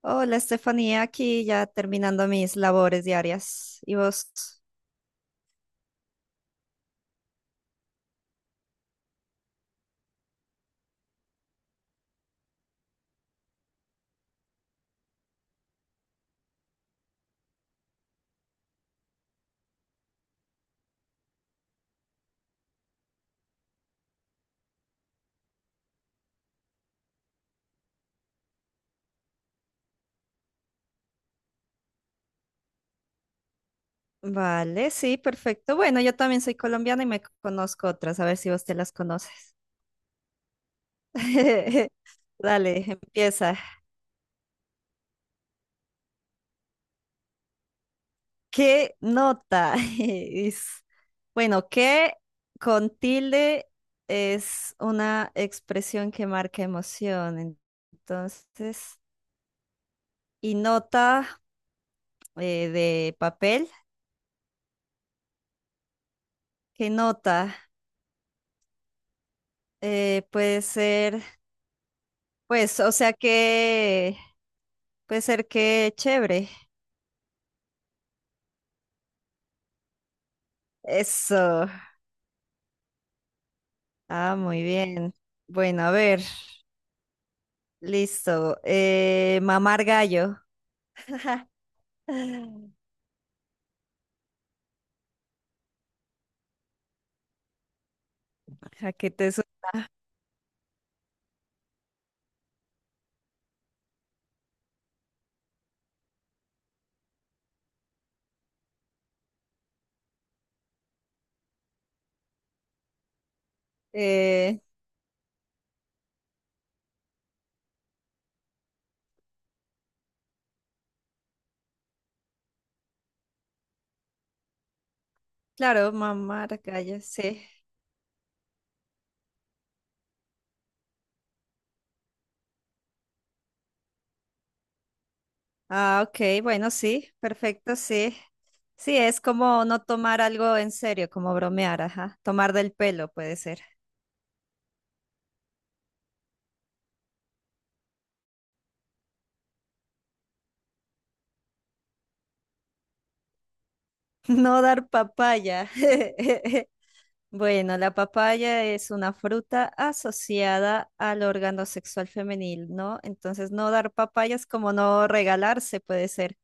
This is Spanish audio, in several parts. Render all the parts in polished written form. Hola, Estefanía, aquí ya terminando mis labores diarias. ¿Y vos? Vale, sí, perfecto. Bueno, yo también soy colombiana y me conozco otras, a ver si vos te las conoces. Dale, empieza. ¿Qué nota es? Bueno, ¿qué con tilde es una expresión que marca emoción? Entonces, y nota de papel, ¿qué nota? Puede ser. Pues, o sea que puede ser que chévere. Eso. Ah, muy bien. Bueno, a ver. Listo. Mamar gallo. ¿A qué te Eh, claro, mamar gallo, sí. Ah, ok, bueno, sí, perfecto, sí. Sí, es como no tomar algo en serio, como bromear, ajá. Tomar del pelo puede ser. No dar papaya. Bueno, la papaya es una fruta asociada al órgano sexual femenil, ¿no? Entonces, no dar papayas como no regalarse puede ser,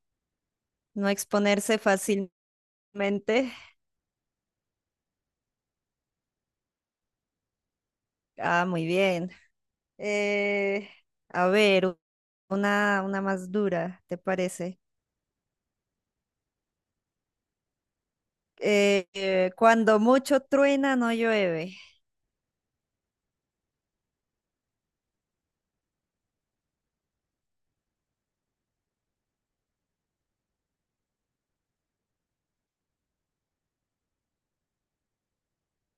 no exponerse fácilmente. Ah, muy bien. Eh, a ver, una más dura, ¿te parece? Cuando mucho truena, no llueve.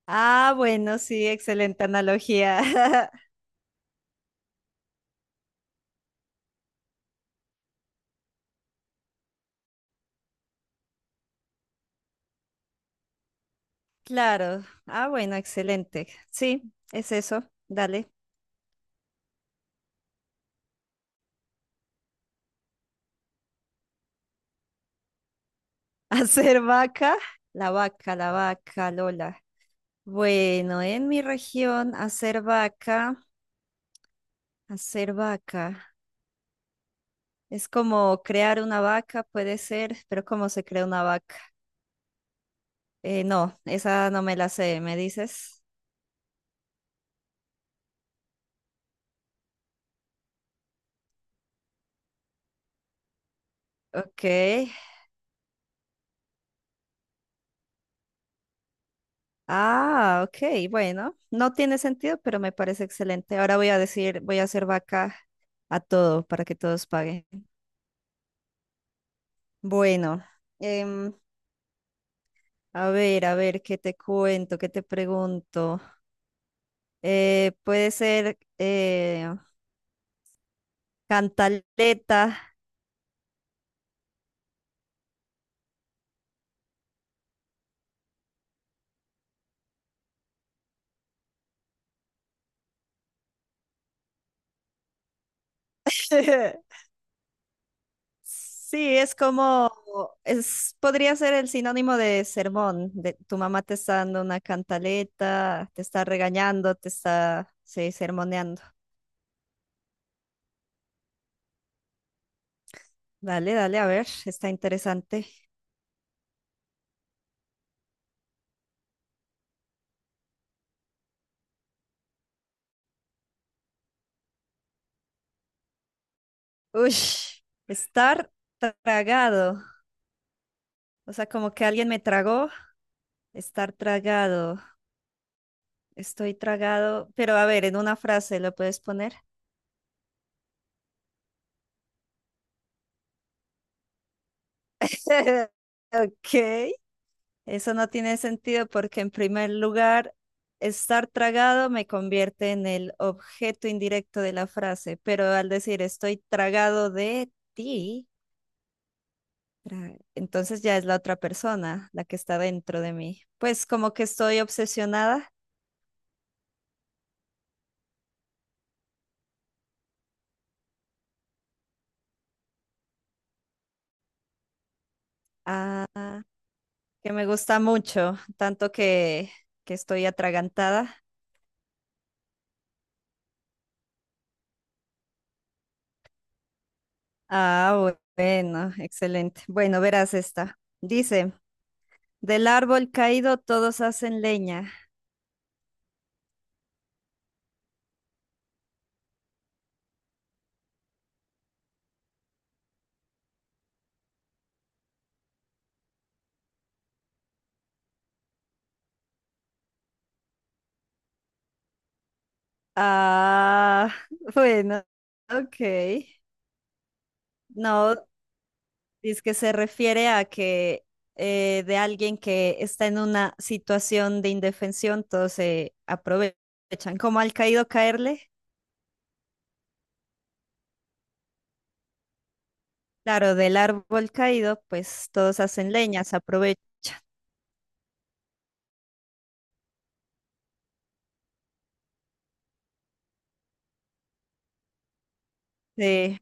Ah, bueno, sí, excelente analogía. Claro. Ah, bueno, excelente. Sí, es eso. Dale. Hacer vaca, la vaca, la vaca, Lola. Bueno, en mi región, hacer vaca. Es como crear una vaca, puede ser, pero ¿cómo se crea una vaca? No, esa no me la sé, ¿me dices? Ok. Ah, ok, bueno. No tiene sentido, pero me parece excelente. Ahora voy a decir, voy a hacer vaca a todo para que todos paguen. Bueno, em, a ver, ¿qué te cuento? ¿Qué te pregunto? Puede ser cantaleta. Sí, es como, es, podría ser el sinónimo de sermón, de tu mamá te está dando una cantaleta, te está regañando, te está, sí, sermoneando. Dale, dale, a ver, está interesante. Uy, estar tragado, o sea, como que alguien me tragó, estar tragado, estoy tragado, pero a ver, en una frase lo puedes poner. Ok. Eso no tiene sentido porque en primer lugar, estar tragado me convierte en el objeto indirecto de la frase, pero al decir estoy tragado de ti, entonces ya es la otra persona la que está dentro de mí. Pues como que estoy obsesionada, ah, que me gusta mucho, tanto que estoy atragantada. Ah, bueno, excelente. Bueno, verás esta. Dice, del árbol caído todos hacen leña. Ah, bueno, ok. No, es que se refiere a que de alguien que está en una situación de indefensión, todos se aprovechan. Como al caído caerle, claro, del árbol caído, pues todos hacen leñas, aprovechan. Sí,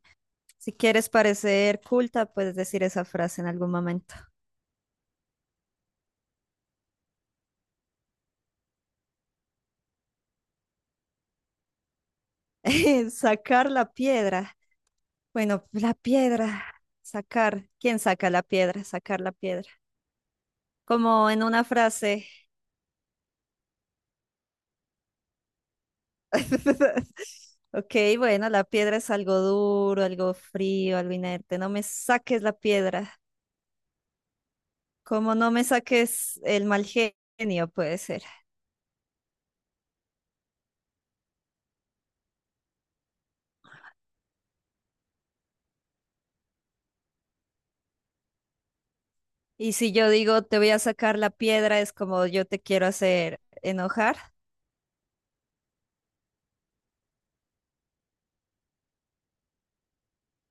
si quieres parecer culta, puedes decir esa frase en algún momento. Sacar la piedra. Bueno, la piedra. Sacar. ¿Quién saca la piedra? Sacar la piedra como en una frase. Ok, bueno, la piedra es algo duro, algo frío, algo inerte. No me saques la piedra. Como no me saques el mal genio, puede ser. Y si yo digo te voy a sacar la piedra, es como yo te quiero hacer enojar.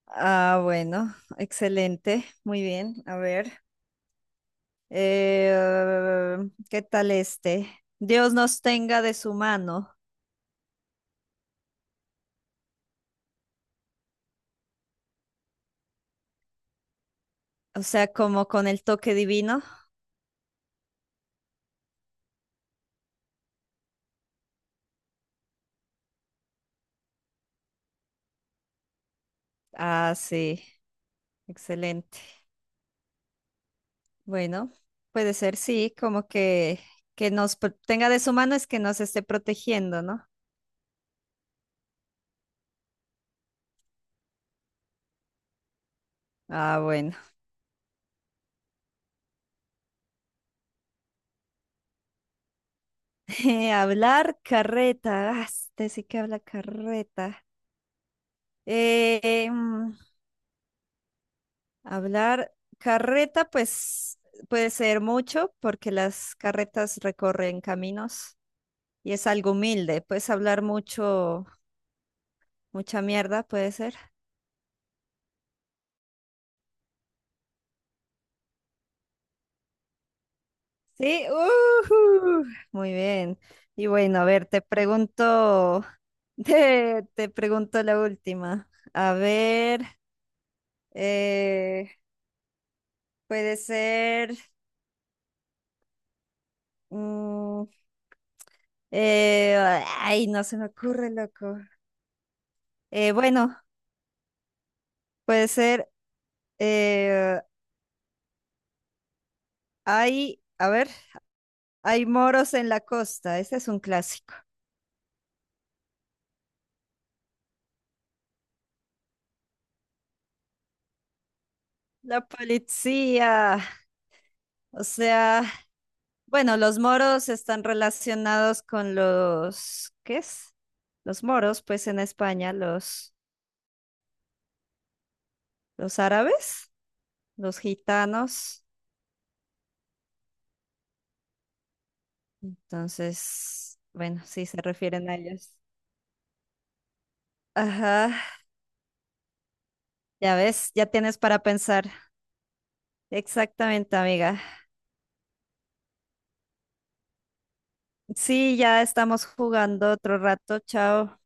Ah, bueno, excelente. Muy bien. A ver. Eh, ¿Qué tal este? Dios nos tenga de su mano. O sea, como con el toque divino. Ah, sí. Excelente. Bueno, puede ser, sí, como que nos tenga de su mano es que nos esté protegiendo, ¿no? Ah, bueno. Hablar carreta. Ah, este sí que habla carreta. Eh, mm, Hablar carreta, pues puede ser mucho porque las carretas recorren caminos y es algo humilde. Puedes hablar mucho, mucha mierda, puede ser. Sí, ujú, muy bien. Y bueno, a ver, te pregunto, te pregunto la última. A ver, eh, puede ser, mm, eh, ay, no se me ocurre, loco. Bueno, puede ser, eh, hay, a ver, hay moros en la costa. Este es un clásico. La policía, o sea. Bueno, los moros están relacionados con los, ¿qué es? Los moros, pues en España, los árabes, los gitanos. Entonces, bueno, sí se refieren a ellos. Ajá, ya ves, ya tienes para pensar. Exactamente, amiga. Sí, ya estamos jugando otro rato. Chao.